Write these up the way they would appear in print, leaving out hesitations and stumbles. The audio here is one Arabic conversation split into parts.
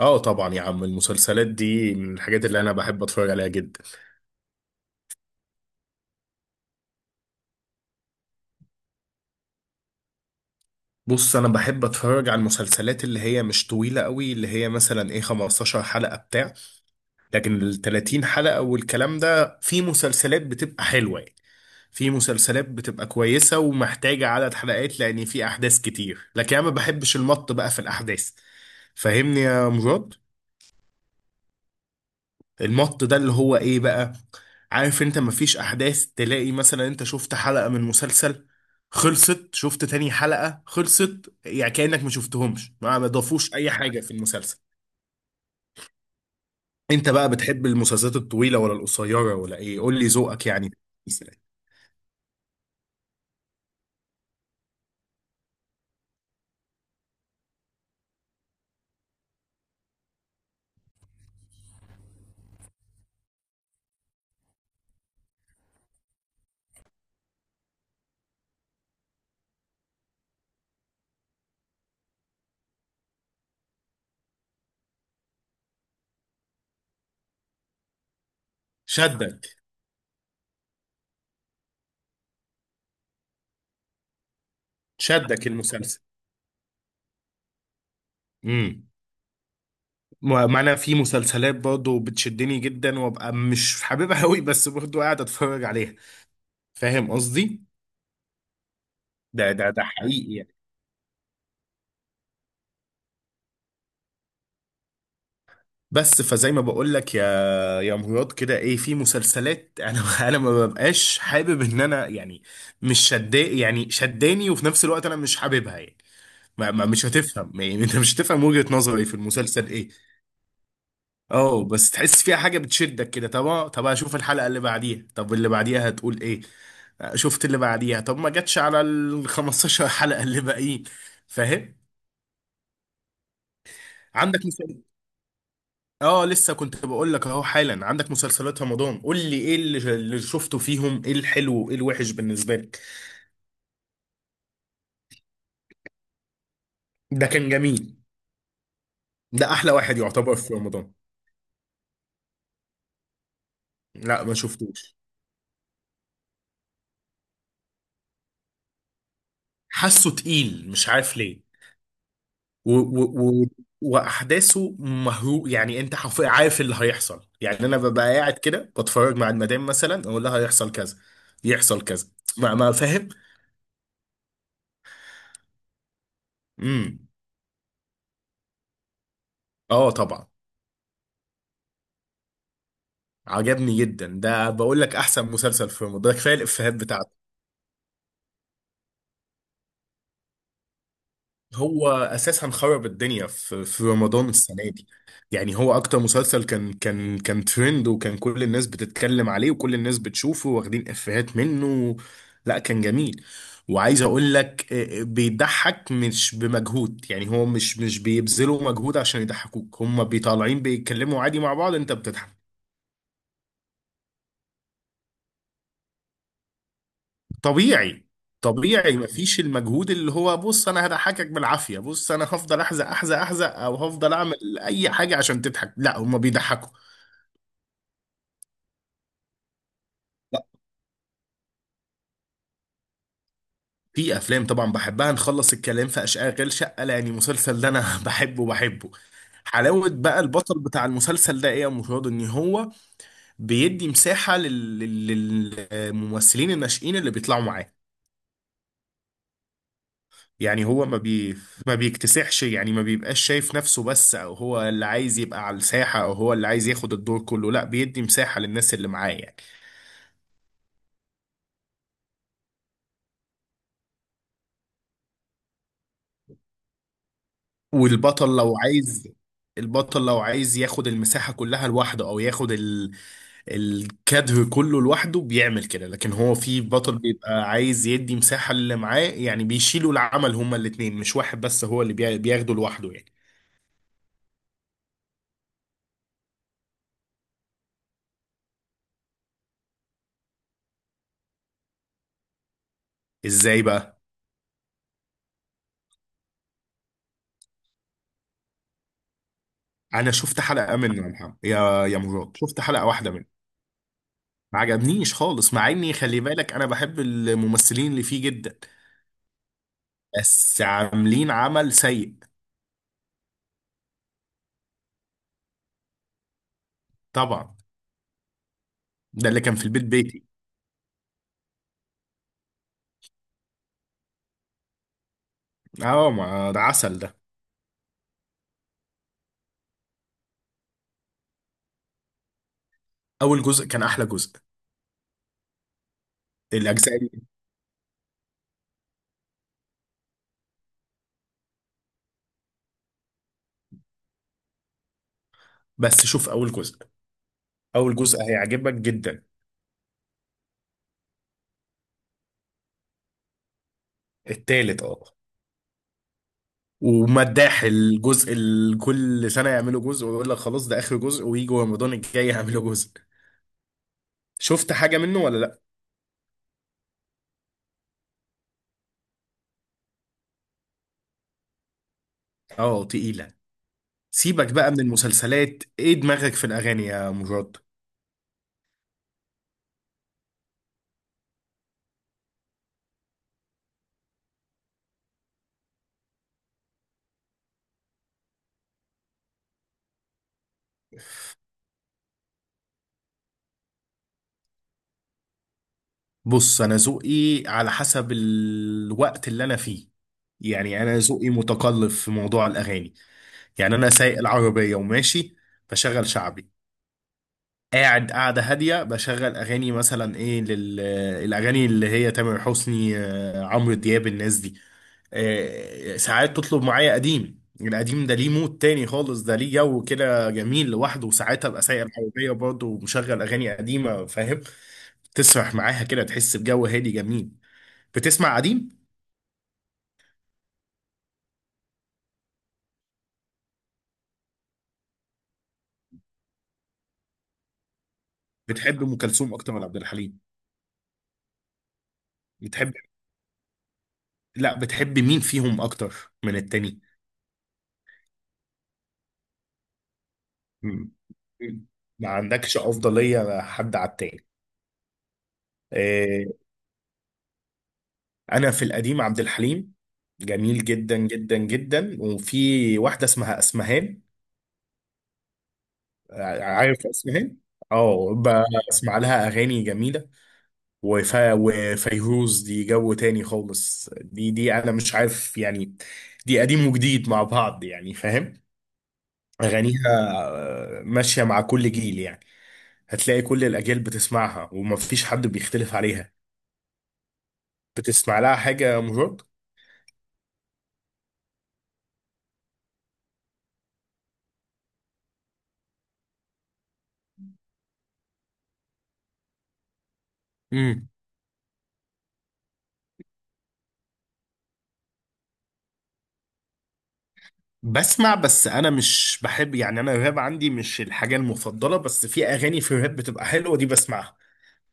اه، طبعا يا عم. المسلسلات دي من الحاجات اللي انا بحب اتفرج عليها جدا. بص، انا بحب اتفرج على المسلسلات اللي هي مش طويلة قوي، اللي هي مثلا ايه 15 حلقة بتاع. لكن ال 30 حلقة والكلام ده في مسلسلات بتبقى حلوة يعني. في مسلسلات بتبقى كويسة ومحتاجة عدد حلقات لان في احداث كتير، لكن انا ما بحبش المط بقى في الاحداث. فاهمني يا مراد؟ المط ده اللي هو ايه بقى؟ عارف انت، مفيش احداث. تلاقي مثلا انت شفت حلقة من مسلسل، خلصت، شفت تاني حلقة، خلصت، يعني كأنك ما شفتهمش، ما ضافوش اي حاجة في المسلسل. انت بقى بتحب المسلسلات الطويلة ولا القصيرة ولا ايه؟ قول لي ذوقك يعني. شدك. شدك المسلسل. امم ما انا في مسلسلات برضه بتشدني جدا، وابقى مش حاببها قوي، بس برضه قاعد اتفرج عليها. فاهم قصدي؟ ده حقيقي يعني. بس فزي ما بقول لك يا مراد كده، ايه، في مسلسلات انا انا ما ببقاش حابب ان انا يعني مش شدا، يعني شداني، وفي نفس الوقت انا مش حاببها يعني. ما ما مش هتفهم يعني. انت مش هتفهم وجهة نظري في المسلسل ايه. اه، بس تحس فيها حاجة بتشدك كده. طب طب اشوف الحلقة اللي بعديها. طب اللي بعديها هتقول ايه. شفت اللي بعديها. طب ما جاتش على ال 15 حلقة اللي باقيين. فاهم. عندك، اه لسه كنت بقول لك اهو حالا. عندك مسلسلات رمضان، قول لي ايه اللي شفته فيهم، ايه الحلو وايه الوحش بالنسبه لك. ده كان جميل. ده احلى واحد يعتبر في رمضان. لا ما شفتوش. حاسه تقيل مش عارف ليه. و و و واحداثه مهرو يعني. انت عارف اللي هيحصل يعني. انا ببقى قاعد كده بتفرج مع المدام، مثلا اقول لها هيحصل كذا، يحصل كذا. ما فاهم. امم اه طبعا. عجبني جدا. ده بقول لك احسن مسلسل في رمضان، ده كفايه الافيهات بتاعته. هو اساسا خرب الدنيا في رمضان السنه دي. يعني هو اكتر مسلسل كان ترند، وكان كل الناس بتتكلم عليه وكل الناس بتشوفه واخدين افيهات منه. لا كان جميل. وعايز اقول لك بيضحك مش بمجهود، يعني هو مش بيبذلوا مجهود عشان يضحكوك، هم بيطالعين بيتكلموا عادي مع بعض، انت بتضحك. طبيعي. طبيعي مفيش المجهود اللي هو بص انا هضحكك بالعافيه، بص انا هفضل احزق احزق احزق، او هفضل اعمل اي حاجه عشان تضحك. لا هما بيضحكوا. في افلام طبعا بحبها. نخلص الكلام في اشغال شقه يعني. المسلسل ده انا بحبه بحبه. حلاوه بقى البطل بتاع المسلسل ده ايه يا مراد، ان هو بيدي مساحه للممثلين الناشئين اللي بيطلعوا معاه. يعني هو ما بيكتسحش، يعني ما بيبقاش شايف نفسه بس، او هو اللي عايز يبقى على الساحة، او هو اللي عايز ياخد الدور كله. لا، بيدي مساحة للناس اللي معاه يعني. والبطل لو عايز البطل لو عايز ياخد المساحة كلها لوحده، او ياخد الكادر كله لوحده، بيعمل كده. لكن هو في بطل بيبقى عايز يدي مساحة اللي معاه يعني، بيشيلوا العمل هما الاتنين، مش واحد بس هو اللي بياخده لوحده يعني. ازاي بقى. انا شفت حلقة منه يا محمد، يا مراد، شفت حلقة واحدة منه. ما عجبنيش خالص، مع اني خلي بالك انا بحب الممثلين اللي فيه جدا. بس عاملين عمل سيء. طبعا. ده اللي كان في البيت بيتي. اه، ما ده عسل ده. اول جزء كان احلى جزء. الاجزاء دي. بس شوف اول جزء. اول جزء هيعجبك جدا. التالت اه. ومداح الجزء كل سنة يعملوا جزء ويقول لك خلاص ده آخر جزء، ويجوا رمضان الجاي يعملوا جزء. شفت حاجة منه ولا لا؟ اه تقيلة. سيبك بقى من المسلسلات، ايه دماغك في الأغاني يا مراد؟ بص، انا ذوقي على حسب الوقت اللي انا فيه. يعني انا ذوقي متقلب في موضوع الاغاني. يعني انا سايق العربيه وماشي بشغل شعبي. قاعد، قاعده هاديه، بشغل اغاني مثلا ايه الاغاني اللي هي تامر حسني، عمرو دياب، الناس دي. ساعات تطلب معايا قديم، القديم ده ليه مود تاني خالص، ده ليه جو كده جميل لوحده. وساعات ابقى سايق العربيه برضه ومشغل اغاني قديمه، فاهم. تسرح معاها كده، تحس بجو هادي جميل. بتسمع قديم. بتحب ام كلثوم اكتر ولا عبد الحليم؟ بتحب لا، بتحب مين فيهم اكتر من التاني؟ مم. ما عندكش افضليه حد على التاني. آه، انا في القديم عبد الحليم جميل جدا جدا جدا. وفي واحده اسمها اسمهان. عارف اسمهان. اه بسمع لها اغاني جميله. وفيروز دي جو تاني خالص، دي انا مش عارف يعني. دي قديم وجديد مع بعض يعني فاهم. أغانيها ماشية مع كل جيل يعني. هتلاقي كل الأجيال بتسمعها ومفيش حد بيختلف عليها. بتسمع لها حاجة يا مجرد؟ امم بسمع، بس أنا مش بحب يعني. أنا الراب عندي مش الحاجة المفضلة، بس في أغاني في الراب بتبقى حلوة دي بسمعها.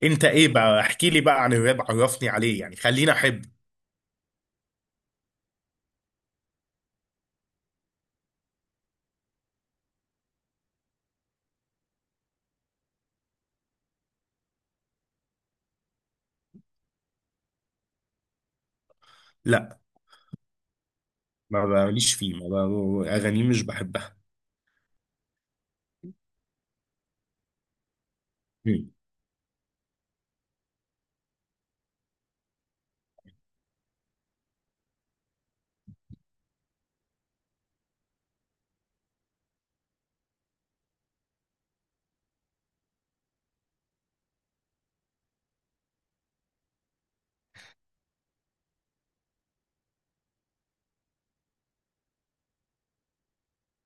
أنت إيه بقى؟ احكي لي بقى عن الراب، عرفني عليه يعني، خليني أحب. لا ما ماليش فيه، ما ب- أغانيه مش بحبها. مم.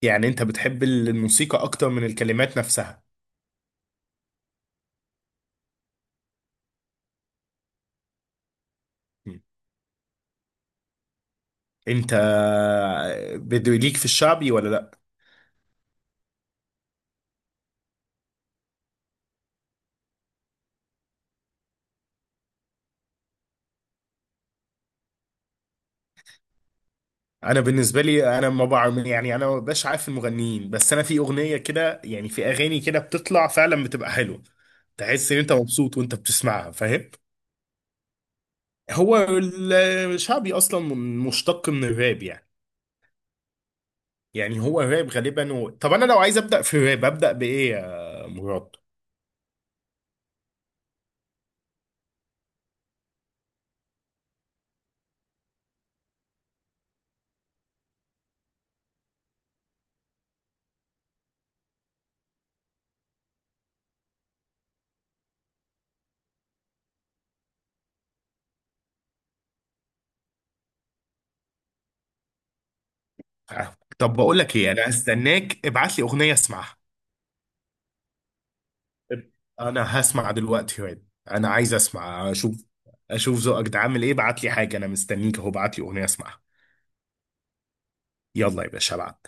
يعني أنت بتحب الموسيقى أكتر من الكلمات نفسها. انت بده ليك في الشعبي ولا لا. انا بالنسبه لي انا ما بعرف، يعني انا ما بقاش عارف المغنيين، بس انا في اغنيه كده يعني في اغاني كده بتطلع فعلا بتبقى حلوه. تحس ان انت مبسوط وانت بتسمعها، فاهم. هو الشعبي اصلا مشتق من الراب يعني. يعني هو الراب غالبا طب انا لو عايز ابدا في الراب ابدا بايه يا مراد؟ طب بقول لك ايه، انا هستناك ابعت لي اغنيه اسمعها. انا هسمع دلوقتي واد، انا عايز اسمع اشوف. اشوف ذوقك ده عامل ايه، ابعت لي حاجه، انا مستنيك اهو، ابعت لي اغنيه اسمعها. يلا يا باشا ابعت